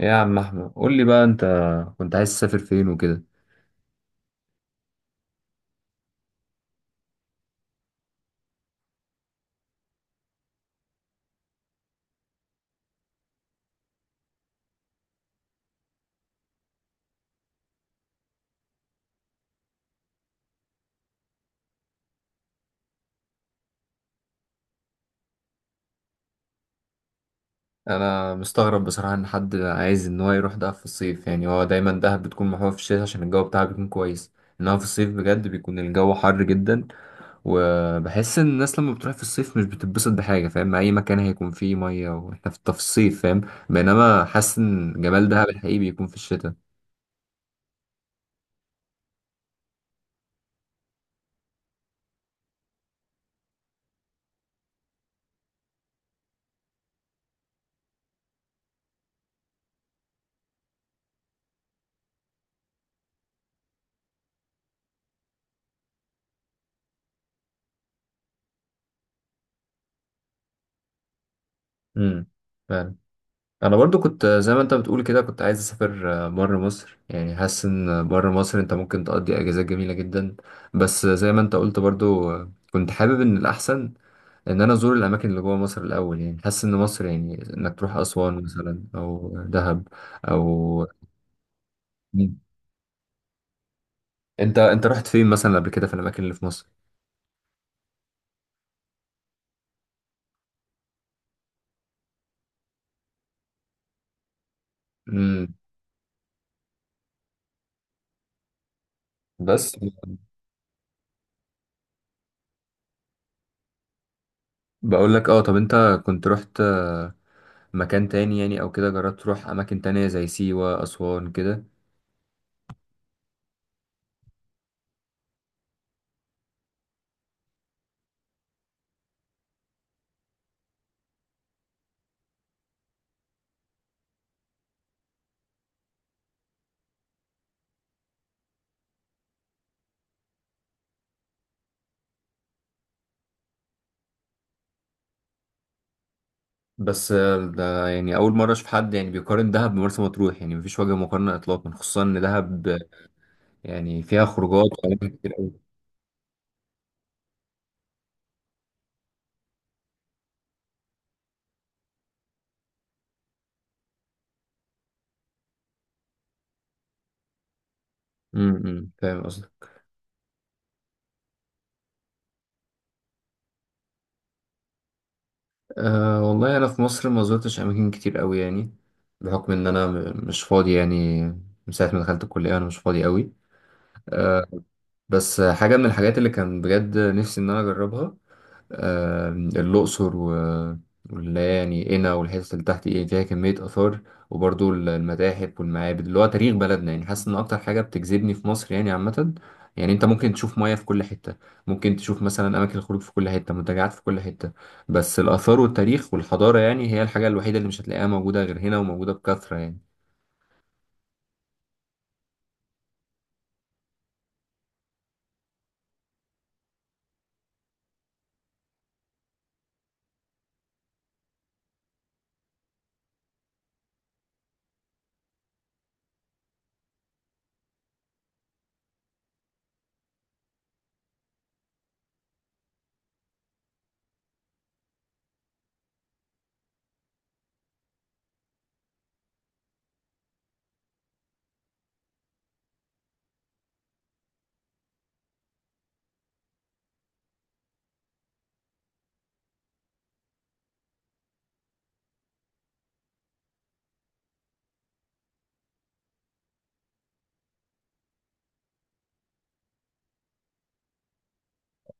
إيه يا عم احمد، قول لي بقى، انت كنت عايز تسافر فين وكده؟ انا مستغرب بصراحه ان حد عايز ان هو يروح دهب في الصيف، يعني هو دايما دهب بتكون محبوبه في الشتاء عشان الجو بتاعها بيكون كويس. انما في الصيف بجد بيكون الجو حر جدا، وبحس ان الناس لما بتروح في الصيف مش بتتبسط بحاجه، فاهم؟ مع اي مكان هيكون فيه ميه واحنا في الصيف، فاهم؟ بينما حاسس ان جمال دهب الحقيقي بيكون في الشتاء. امم انا برضو كنت زي ما انت بتقول كده، كنت عايز اسافر بره مصر، يعني حاسس ان بره مصر انت ممكن تقضي اجازات جميله جدا. بس زي ما انت قلت برضو، كنت حابب ان الاحسن ان انا ازور الاماكن اللي جوه مصر الاول، يعني حاسس ان مصر، يعني انك تروح اسوان مثلا او دهب او مم. انت رحت فين مثلا قبل كده في الاماكن اللي في مصر؟ امم بس بقول لك، اه. طب انت كنت رحت مكان تاني يعني، او كده جربت تروح اماكن تانية زي سيوه، اسوان كده؟ بس ده يعني اول مره اشوف حد يعني بيقارن دهب بمرسى مطروح، يعني مفيش وجه مقارنه اطلاقا، خصوصا ان دهب يعني فيها خروجات واماكن كتير قوي. فاهم قصدك. أه والله انا في مصر ما زرتش اماكن كتير قوي يعني، بحكم ان انا مش فاضي يعني. من ساعه ما دخلت الكليه انا مش فاضي قوي. أه. بس حاجه من الحاجات اللي كان بجد نفسي ان انا اجربها، آه، الأقصر واللي هي يعني قنا والحتت اللي تحت، إيه فيها كمية آثار، وبرضو المتاحف والمعابد، اللي هو تاريخ بلدنا. يعني حاسس إن أكتر حاجة بتجذبني في مصر يعني عامة، يعني أنت ممكن تشوف مياه في كل حتة، ممكن تشوف مثلا أماكن الخروج في كل حتة، منتجعات في كل حتة. بس الآثار والتاريخ والحضارة يعني هي الحاجة الوحيدة اللي مش هتلاقيها موجودة غير هنا، وموجودة بكثرة يعني.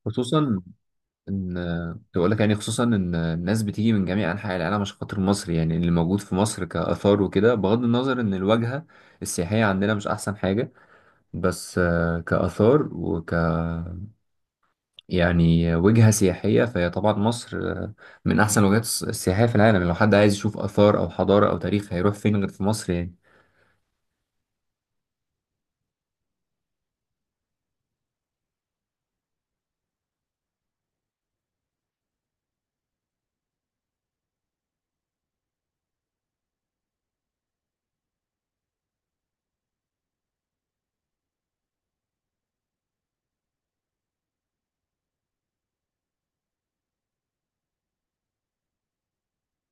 خصوصا ان، تقول لك يعني، خصوصا ان الناس بتيجي من جميع انحاء العالم عشان خاطر مصر، يعني اللي موجود في مصر كاثار وكده، بغض النظر ان الواجهه السياحيه عندنا مش احسن حاجه. بس كاثار يعني وجهه سياحيه، فهي طبعا مصر من احسن الوجهات السياحيه في العالم. يعني لو حد عايز يشوف اثار او حضاره او تاريخ هيروح فين غير في مصر يعني؟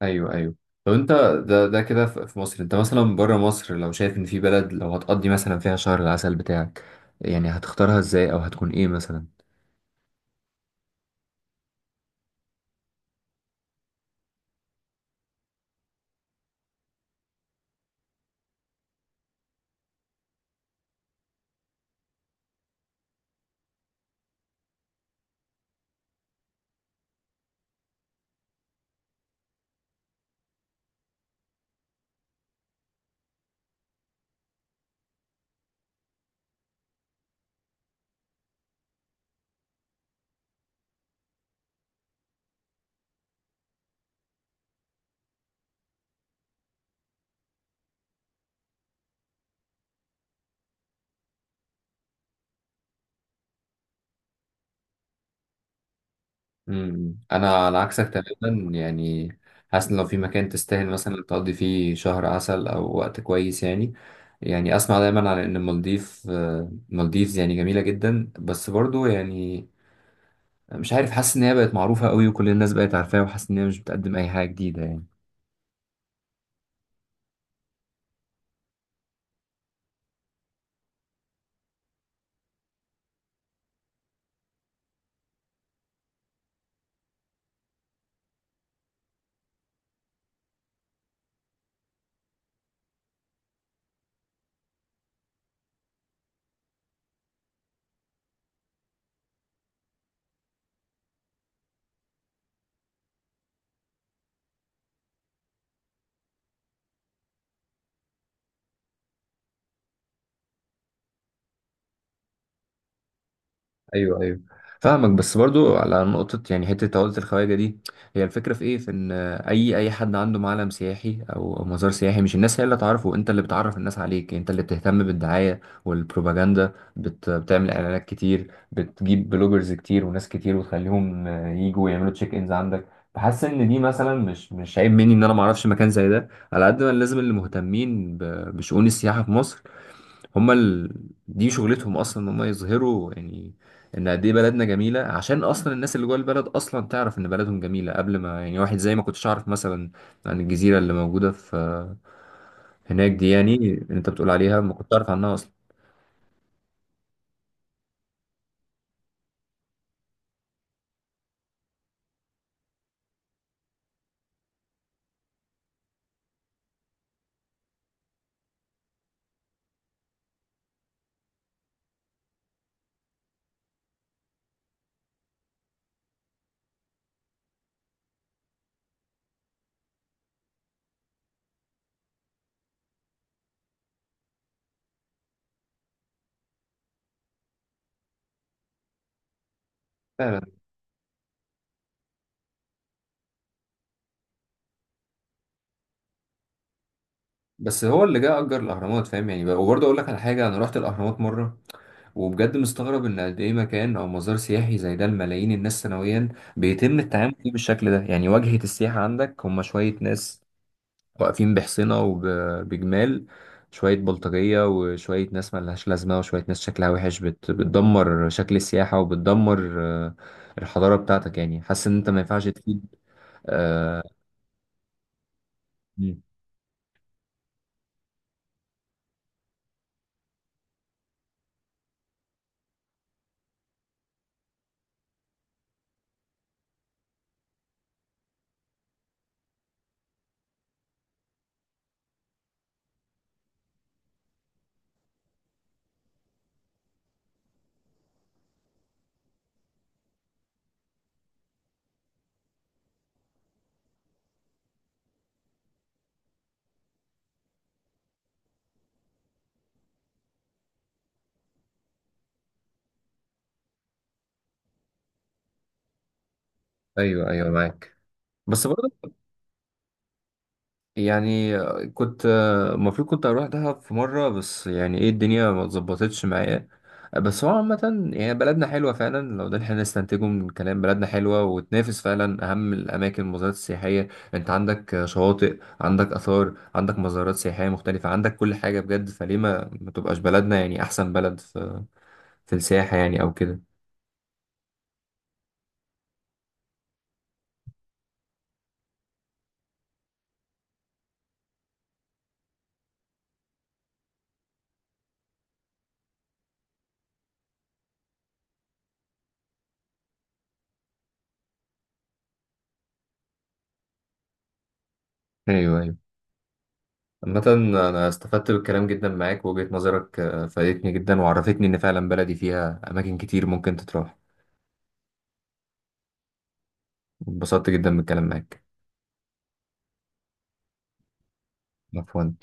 ايوه، ايوه. طب انت، ده كده في مصر، انت مثلا بره مصر لو شايف ان في بلد لو هتقضي مثلا فيها شهر العسل بتاعك، يعني هتختارها ازاي، او هتكون ايه مثلا؟ انا على عكسك تماما يعني. حاسس ان لو في مكان تستاهل مثلا تقضي فيه شهر عسل او وقت كويس يعني، يعني اسمع دايما على ان المالديفز يعني جميلة جدا، بس برضو يعني مش عارف، حاسس ان هي بقت معروفة قوي وكل الناس بقت عارفاها، وحاسس ان هي مش بتقدم اي حاجة جديدة يعني. ايوه، ايوه، فاهمك. بس برضو على نقطة، يعني حتة عقدة الخواجة دي، هي الفكرة في ايه؟ في ان اي حد عنده معلم سياحي او مزار سياحي، مش الناس هي اللي تعرفه، انت اللي بتعرف الناس عليك، انت اللي بتهتم بالدعاية والبروباجندا، بتعمل اعلانات كتير، بتجيب بلوجرز كتير وناس كتير وتخليهم يجوا يعملوا تشيك انز عندك. بحس ان دي مثلا مش عيب مني ان انا ما اعرفش مكان زي ده، على قد ما لازم اللي مهتمين بشؤون السياحة في مصر، هما دي شغلتهم اصلا، ان هما يظهروا يعني ان قد ايه بلدنا جميله، عشان اصلا الناس اللي جوه البلد اصلا تعرف ان بلدهم جميله، قبل ما يعني واحد زي ما كنتش اعرف مثلا عن الجزيره اللي موجوده في هناك دي، يعني اللي انت بتقول عليها ما كنتش اعرف عنها اصلا. فعلا. بس هو اللي جه اجر الاهرامات، فاهم يعني. وبرضه اقول لك على حاجه، انا رحت الاهرامات مره، وبجد مستغرب ان قد ايه مكان او مزار سياحي زي ده لملايين الناس سنويا بيتم التعامل فيه بالشكل ده. يعني واجهة السياحة عندك هم شوية ناس واقفين بحصينة وبجمال، شوية بلطجية وشوية ناس ملهاش لازمة وشوية ناس شكلها وحش، بتدمر شكل السياحة وبتدمر الحضارة بتاعتك. يعني حاسس إن أنت ما ينفعش تفيد. آه. مم. أيوه، أيوه، معاك. بس برضه يعني، كنت المفروض كنت اروح دهب في مره، بس يعني ايه، الدنيا ما اتظبطتش معايا. بس هو عامه يعني بلدنا حلوه فعلا، لو ده اللي احنا نستنتجه من الكلام. بلدنا حلوه وتنافس فعلا اهم الاماكن، المزارات السياحيه. انت عندك شواطئ، عندك اثار، عندك مزارات سياحيه مختلفه، عندك كل حاجه بجد. فليه ما تبقاش بلدنا يعني احسن بلد في السياحه، يعني او كده؟ ايوه، ايوه. عامة أنا استفدت بالكلام جدا معاك، ووجهة نظرك فادتني جدا، وعرفتني إن فعلا بلدي فيها أماكن كتير ممكن تتراح. اتبسطت جدا بالكلام معاك. عفوا.